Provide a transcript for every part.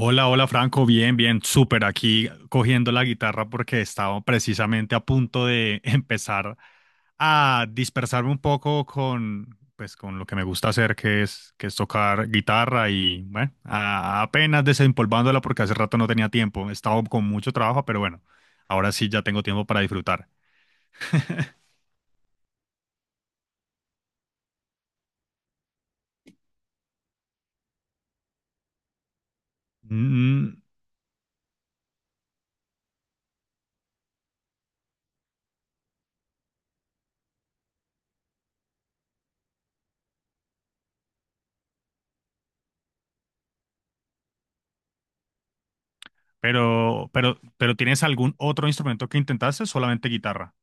Hola, hola Franco, bien, bien, súper aquí cogiendo la guitarra porque estaba precisamente a punto de empezar a dispersarme un poco pues, con lo que me gusta hacer, que es tocar guitarra y bueno, apenas desempolvándola porque hace rato no tenía tiempo, he estado con mucho trabajo, pero bueno, ahora sí ya tengo tiempo para disfrutar. Mm, pero ¿tienes algún otro instrumento que intentaste o solamente guitarra?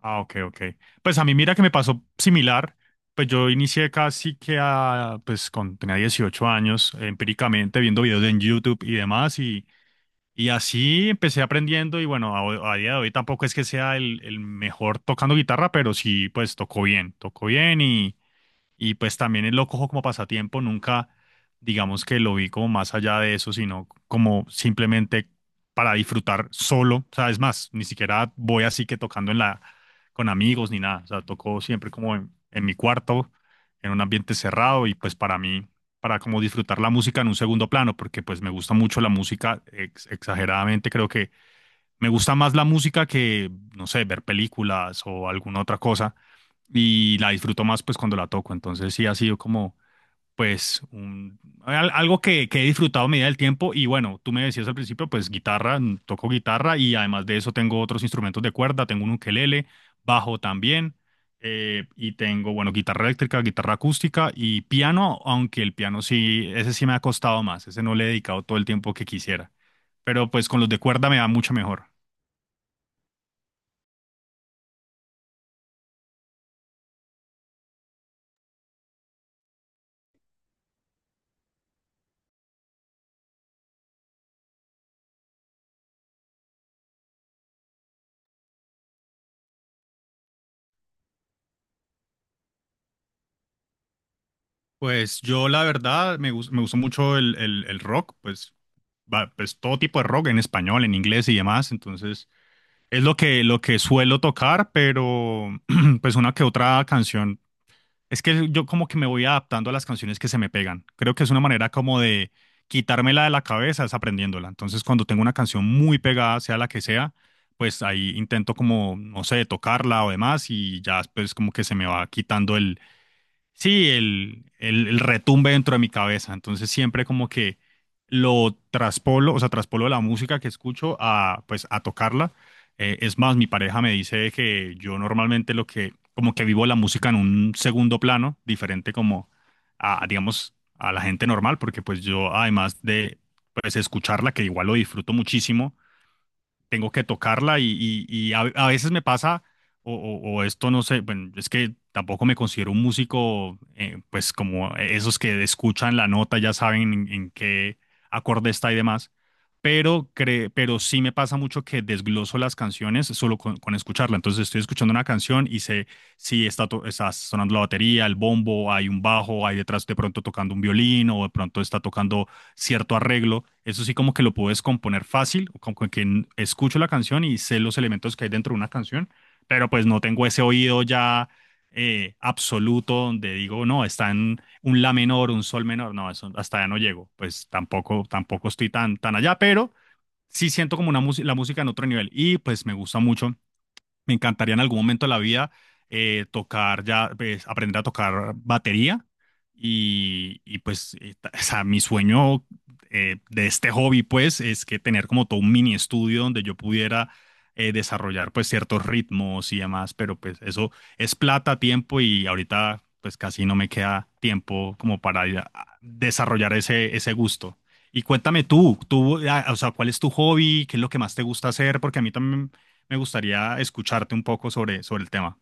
Ah, ok, ok. Pues a mí mira que me pasó similar. Pues yo inicié casi que a, pues con, tenía 18 años, empíricamente viendo videos en YouTube y demás, y así empecé aprendiendo y bueno, a día de hoy tampoco es que sea el mejor tocando guitarra, pero sí, pues tocó bien y pues también él lo cojo como pasatiempo, nunca digamos que lo vi como más allá de eso, sino como simplemente para disfrutar solo. O sea, es más, ni siquiera voy así que tocando en la, con amigos ni nada. O sea, toco siempre como en mi cuarto, en un ambiente cerrado y pues para mí, para como disfrutar la música en un segundo plano, porque pues me gusta mucho la música, exageradamente creo que me gusta más la música que, no sé, ver películas o alguna otra cosa y la disfruto más pues cuando la toco. Entonces sí ha sido como pues un, algo que he disfrutado a medida del tiempo y bueno, tú me decías al principio pues guitarra, toco guitarra y además de eso tengo otros instrumentos de cuerda, tengo un ukelele, bajo también y tengo bueno, guitarra eléctrica, guitarra acústica y piano, aunque el piano sí, ese sí me ha costado más, ese no le he dedicado todo el tiempo que quisiera, pero pues con los de cuerda me va mucho mejor. Pues yo la verdad me gustó mucho el rock, pues, pues todo tipo de rock en español, en inglés y demás, entonces es lo que suelo tocar, pero pues una que otra canción. Es que yo como que me voy adaptando a las canciones que se me pegan. Creo que es una manera como de quitármela de la cabeza, es aprendiéndola. Entonces cuando tengo una canción muy pegada, sea la que sea, pues ahí intento como, no sé, tocarla o demás y ya pues como que se me va quitando. Sí, el retumbe dentro de mi cabeza. Entonces siempre como que lo traspolo, o sea, traspolo la música que escucho a, pues, a tocarla. Es más, mi pareja me dice que yo normalmente lo que, como que vivo la música en un segundo plano, diferente como a, digamos, a la gente normal, porque pues yo, además de, pues, escucharla, que igual lo disfruto muchísimo, tengo que tocarla y a veces me pasa, o esto no sé, bueno, es que tampoco me considero un músico, pues como esos que escuchan la nota ya saben en qué acorde está y demás, pero sí me pasa mucho que desgloso las canciones solo con escucharla. Entonces estoy escuchando una canción y sé si está, está sonando la batería, el bombo, hay un bajo, hay detrás de pronto tocando un violín o de pronto está tocando cierto arreglo. Eso sí como que lo puedes descomponer fácil, como que escucho la canción y sé los elementos que hay dentro de una canción, pero pues no tengo ese oído ya absoluto donde digo, no, está en un la menor, un sol menor, no, eso hasta allá no llego. Pues tampoco, tampoco estoy tan, tan allá, pero sí siento como una la música en otro nivel y pues me gusta mucho me encantaría en algún momento de la vida tocar ya, pues, aprender a tocar batería y, pues, o sea, mi sueño de este hobby, pues, es que tener como todo un mini estudio donde yo pudiera desarrollar, pues, ciertos ritmos y demás, pero pues eso es plata, tiempo y ahorita, pues, casi no me queda tiempo como para ir a desarrollar ese, ese gusto. Y cuéntame tú, ah, o sea, ¿cuál es tu hobby? ¿Qué es lo que más te gusta hacer? Porque a mí también me gustaría escucharte un poco sobre el tema.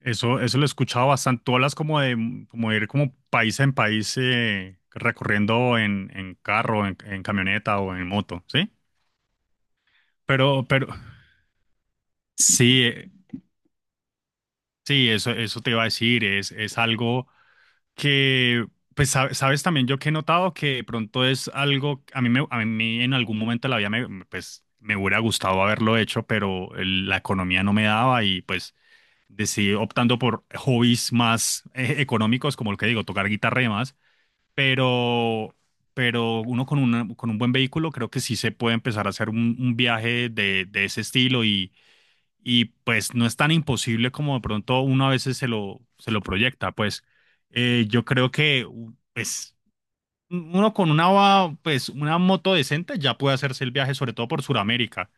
Eso lo he escuchado bastante. Tú hablas como de, como de ir como país en país recorriendo en carro, en camioneta o en moto, ¿sí? Pero sí, sí, eso te iba a decir. Es algo que, pues, sabes también yo que he notado que de pronto es algo, a mí en algún momento de la vida me, pues, me hubiera gustado haberlo hecho, pero la economía no me daba y pues de sí, optando por hobbies más económicos, como lo que digo, tocar guitarra y demás, pero, pero uno con un buen vehículo creo que sí se puede empezar a hacer un viaje de ese estilo y pues no es tan imposible como de pronto uno a veces se lo proyecta, pues yo creo que pues uno con pues, una moto decente ya puede hacerse el viaje, sobre todo por Sudamérica.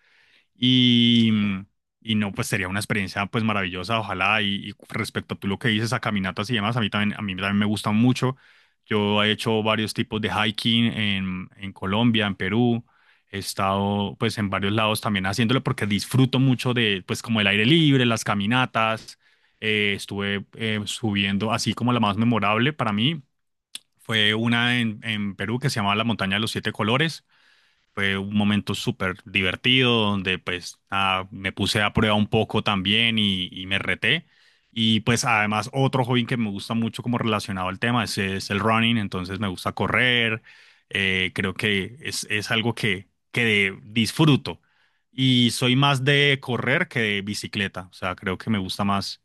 Y, mm, y no, pues sería una experiencia pues maravillosa, ojalá. Y respecto a tú lo que dices a caminatas y demás, a mí también me gustan mucho. Yo he hecho varios tipos de hiking en Colombia, en Perú. He estado pues en varios lados también haciéndolo porque disfruto mucho de pues como el aire libre, las caminatas. Estuve subiendo, así como la más memorable para mí fue una en Perú que se llamaba la Montaña de los Siete Colores fue un momento súper divertido donde pues nada, me puse a prueba un poco también y me reté. Y pues además otro hobby que me gusta mucho como relacionado al tema es el running, entonces me gusta correr, creo que es algo disfruto. Y soy más de correr que de bicicleta, o sea, creo que me gusta más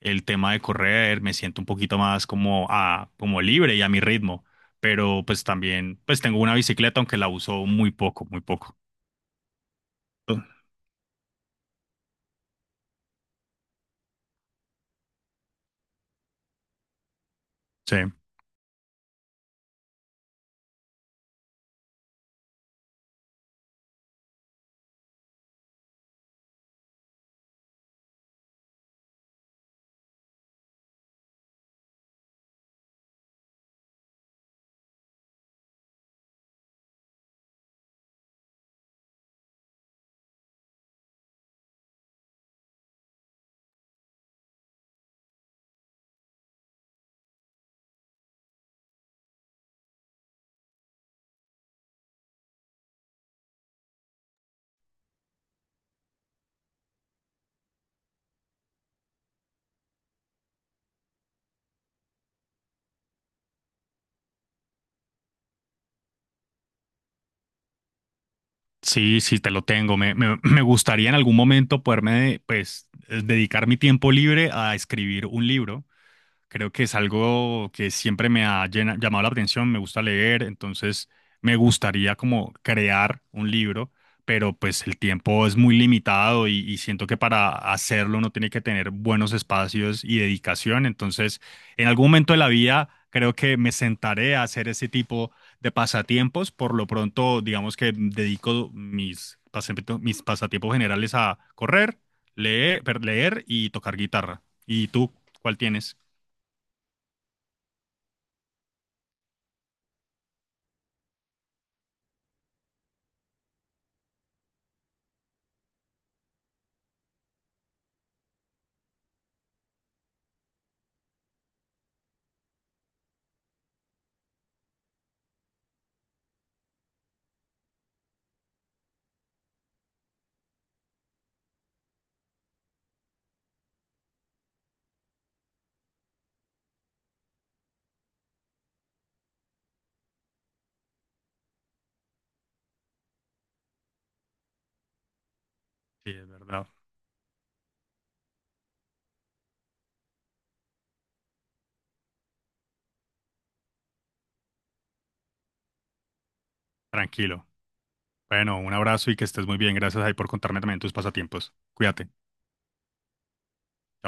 el tema de correr, me siento un poquito más como, a, como libre y a mi ritmo pero pues también, pues tengo una bicicleta, aunque la uso muy poco, muy poco. Uh, Sí, sí, sí, te lo tengo. Me gustaría en algún momento poderme, pues, dedicar mi tiempo libre a escribir un libro. Creo que es algo que siempre me ha llamado la atención, me gusta leer, entonces me gustaría como crear un libro, pero pues el tiempo es muy limitado y siento que para hacerlo uno tiene que tener buenos espacios y dedicación, entonces en algún momento de la vida creo que me sentaré a hacer ese tipo de pasatiempos, por lo pronto digamos que dedico mis pasatiempos generales a correr, leer, leer y tocar guitarra. ¿Y tú cuál tienes? Sí, es verdad. Tranquilo. Bueno, un abrazo y que estés muy bien. Gracias ahí por contarme también tus pasatiempos. Cuídate. Chao.